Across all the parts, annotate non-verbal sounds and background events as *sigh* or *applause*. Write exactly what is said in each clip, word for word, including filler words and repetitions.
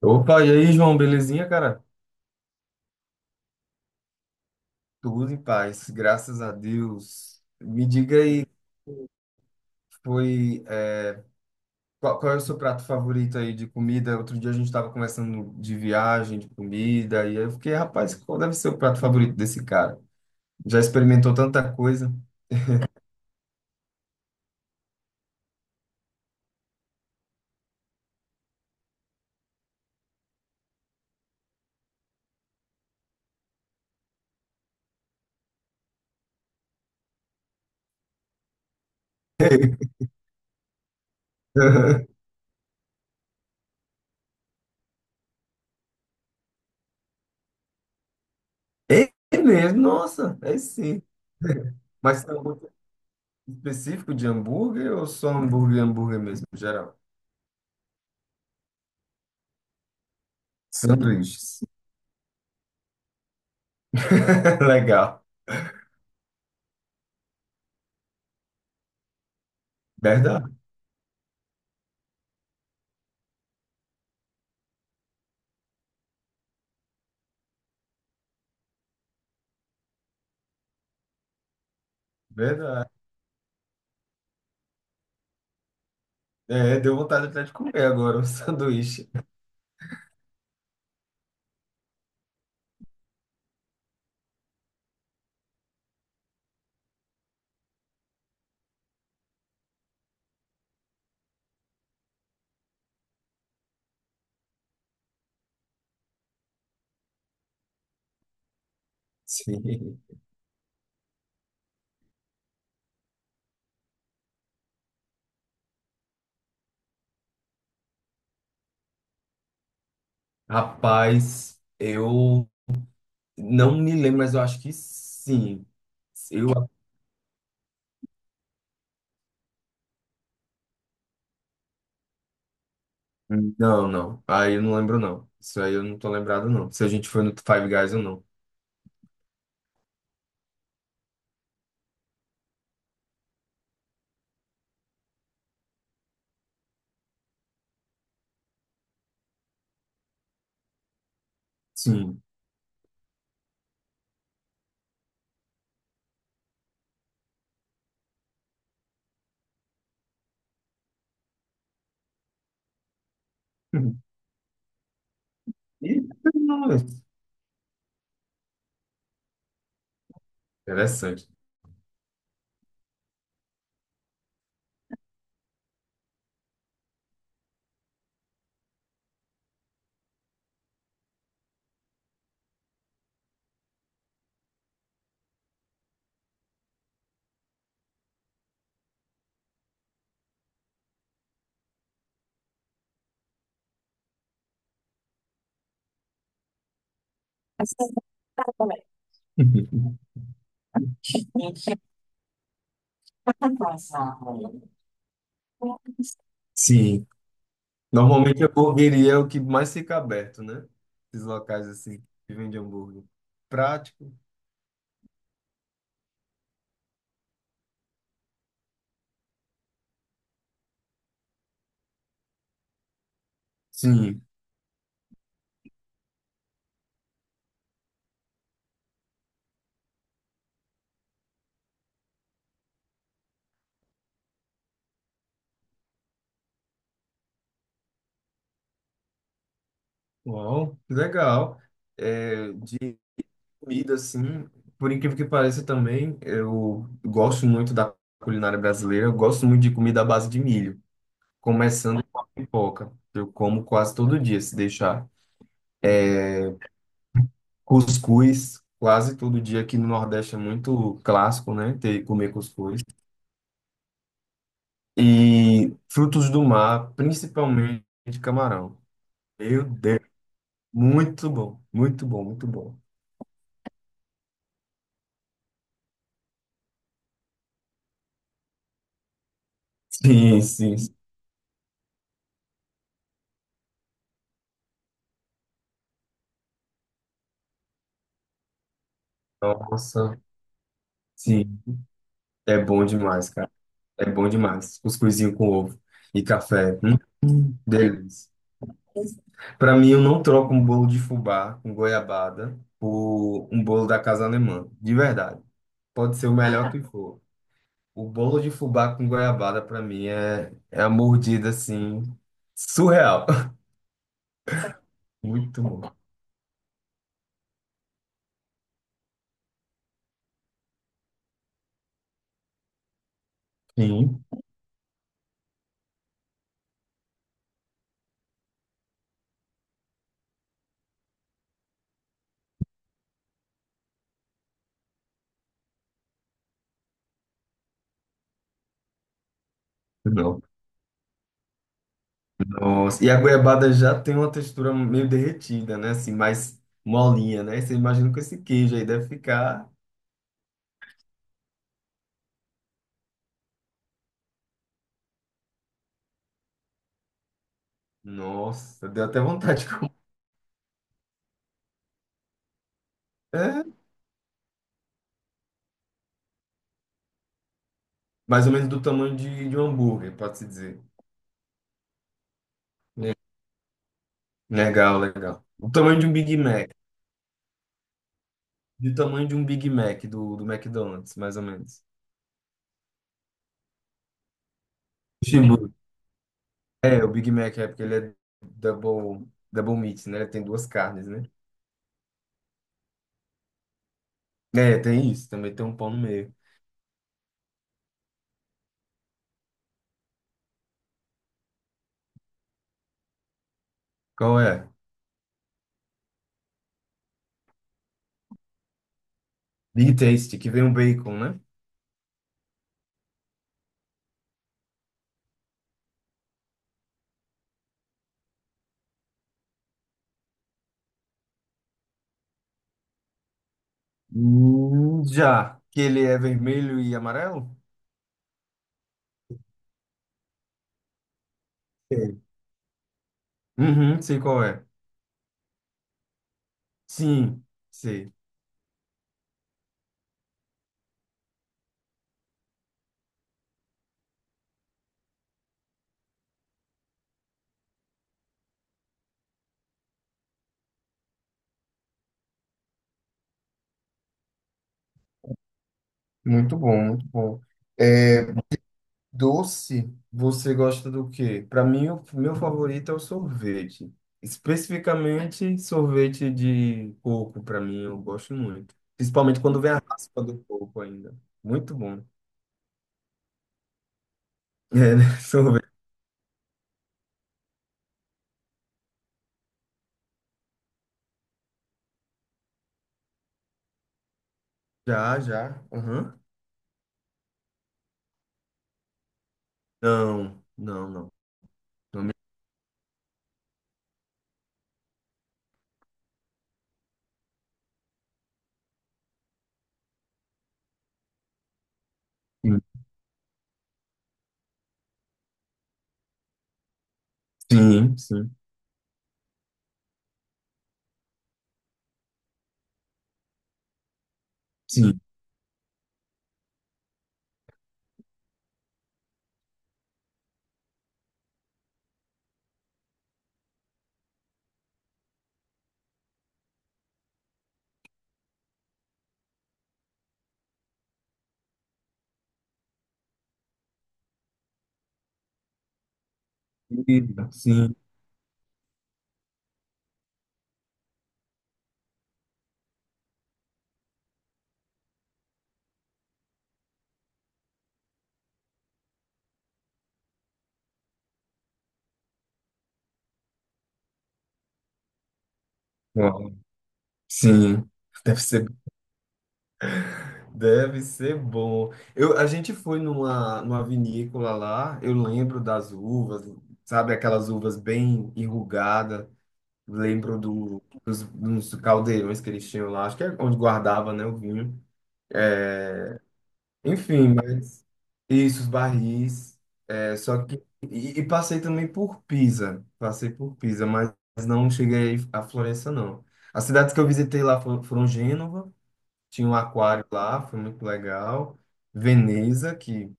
Opa, e aí, João, belezinha, cara? Tudo em paz, graças a Deus. Me diga aí, foi, é, qual, qual é o seu prato favorito aí de comida? Outro dia a gente estava conversando de viagem, de comida, e aí eu fiquei, rapaz, qual deve ser o prato favorito desse cara? Já experimentou tanta coisa. *laughs* É mesmo, nossa, é sim. Mas tem algum específico de hambúrguer ou só hambúrguer, hambúrguer mesmo, geral? Sanduíches. *laughs* Legal, verdade, verdade. É, deu vontade até de comer agora um *laughs* sanduíche. Sim. Rapaz, eu não me lembro, mas eu acho que sim. Eu... Não, não. Aí eu não lembro, não. Isso aí eu não tô lembrado, não. Se a gente foi no Five Guys ou não. Sim. *laughs* Ih, interessante. *laughs* Sim. Normalmente a hamburgueria é o que mais fica aberto, né? Esses locais assim que vendem hambúrguer. Prático. Sim. Uau, que legal. É, de Comida, assim, por incrível que pareça também, eu gosto muito da culinária brasileira, eu gosto muito de comida à base de milho, começando com a pipoca. Eu como quase todo dia, se deixar. Cuscuz, quase todo dia aqui no Nordeste é muito clássico, né? Ter, comer cuscuz. E frutos do mar, principalmente camarão. Meu Deus, muito bom, muito bom, muito bom. Sim, sim, sim. Nossa, sim, é bom demais, cara. É bom demais. Cuscuzinho com ovo e café. Hum, delícia. Para mim, eu não troco um bolo de fubá com goiabada por um bolo da Casa Alemã. De verdade. Pode ser o melhor que *laughs* for. O bolo de fubá com goiabada, para mim, é, é a mordida, assim, surreal. *laughs* Muito bom. Sim. Não. Nossa. E a goiabada já tem uma textura meio derretida, né? Assim, mais molinha, né? Você imagina com esse queijo aí, deve ficar... Nossa, deu até vontade de comer. *laughs* Mais ou menos do tamanho de, de um hambúrguer, pode-se dizer. Le- Legal, legal. O tamanho de um Big Mac. Do tamanho de um Big Mac do, do McDonald's, mais ou menos. O cheeseburger. É, o Big Mac é porque ele é double, double meat, né? Tem duas carnes, né? É, tem isso. Também tem um pão no meio. Qual é? Big Tasty, que vem um bacon, né? Hum, já. Que ele é vermelho e amarelo? Sei. Uhum, sei qual é. Sim, sei. Muito bom, muito bom. É, doce, você gosta do quê? Para mim, o meu favorito é o sorvete. Especificamente, sorvete de coco, para mim, eu gosto muito. Principalmente quando vem a raspa do coco ainda. Muito bom. É, né? *laughs* Sorvete. Já, já. Aham. Não, não, não. Não me- Sim, sim, sim. Sim, sim. Sim. Uau. Sim. Deve ser Deve ser bom. Eu, a gente foi numa, numa vinícola lá, eu lembro das uvas, sabe, aquelas uvas bem enrugadas, lembro do, dos, dos caldeirões que eles tinham lá, acho que é onde guardava, né, o vinho. Enfim, mas isso, os barris, é, só que... E, e passei também por Pisa, passei por Pisa, mas não cheguei a Florença, não. As cidades que eu visitei lá foram, foram Gênova, tinha um aquário lá, foi muito legal. Veneza, que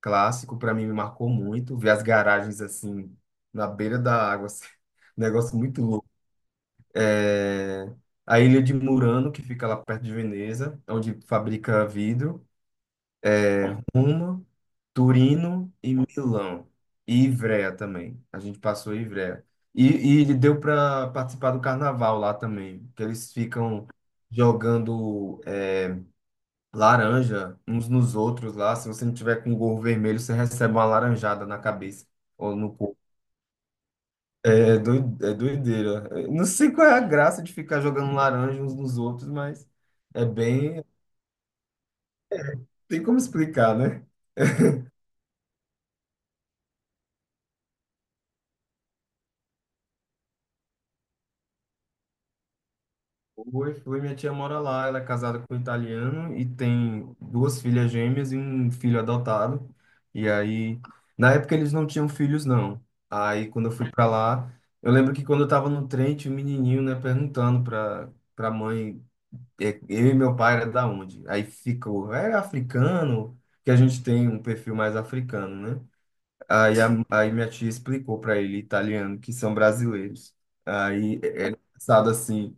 clássico, para mim me marcou muito. Ver as garagens assim, na beira da água, assim, *laughs* um negócio muito louco. É, a ilha de Murano, que fica lá perto de Veneza, onde fabrica vidro. Roma, Turino e Milão. E Ivrea também. A gente passou em Ivrea. E, e deu para participar do carnaval lá também, que eles ficam jogando. É, laranja uns nos outros lá. Se você não tiver com gorro vermelho, você recebe uma laranjada na cabeça ou no corpo. É, é doi- é doideira. Eu não sei qual é a graça de ficar jogando laranja uns nos outros, mas é bem. Tem como explicar, né? Foi foi minha tia mora lá, ela é casada com um italiano e tem duas filhas gêmeas e um filho adotado. E aí, na época eles não tinham filhos, não. Aí, quando eu fui pra lá, eu lembro que quando eu tava no trem, tinha um menininho, né, perguntando pra, pra mãe, é, eu e meu pai era da onde? Aí ficou, é africano, que a gente tem um perfil mais africano, né? Aí, a, aí minha tia explicou pra ele, italiano, que são brasileiros. Aí, é é engraçado assim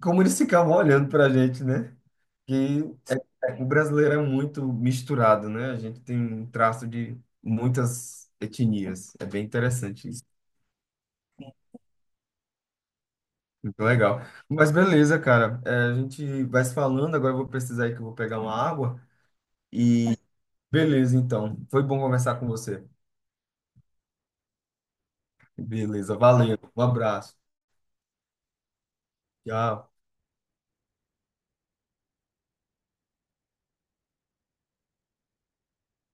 como eles ficavam olhando para a gente, né? Que o brasileiro é muito misturado, né? A gente tem um traço de muitas etnias. É bem interessante isso. Muito legal. Mas beleza, cara. É, a gente vai se falando. Agora eu vou precisar ir que eu vou pegar uma água. E beleza, então. Foi bom conversar com você. Beleza, valeu. Um abraço. Tchau.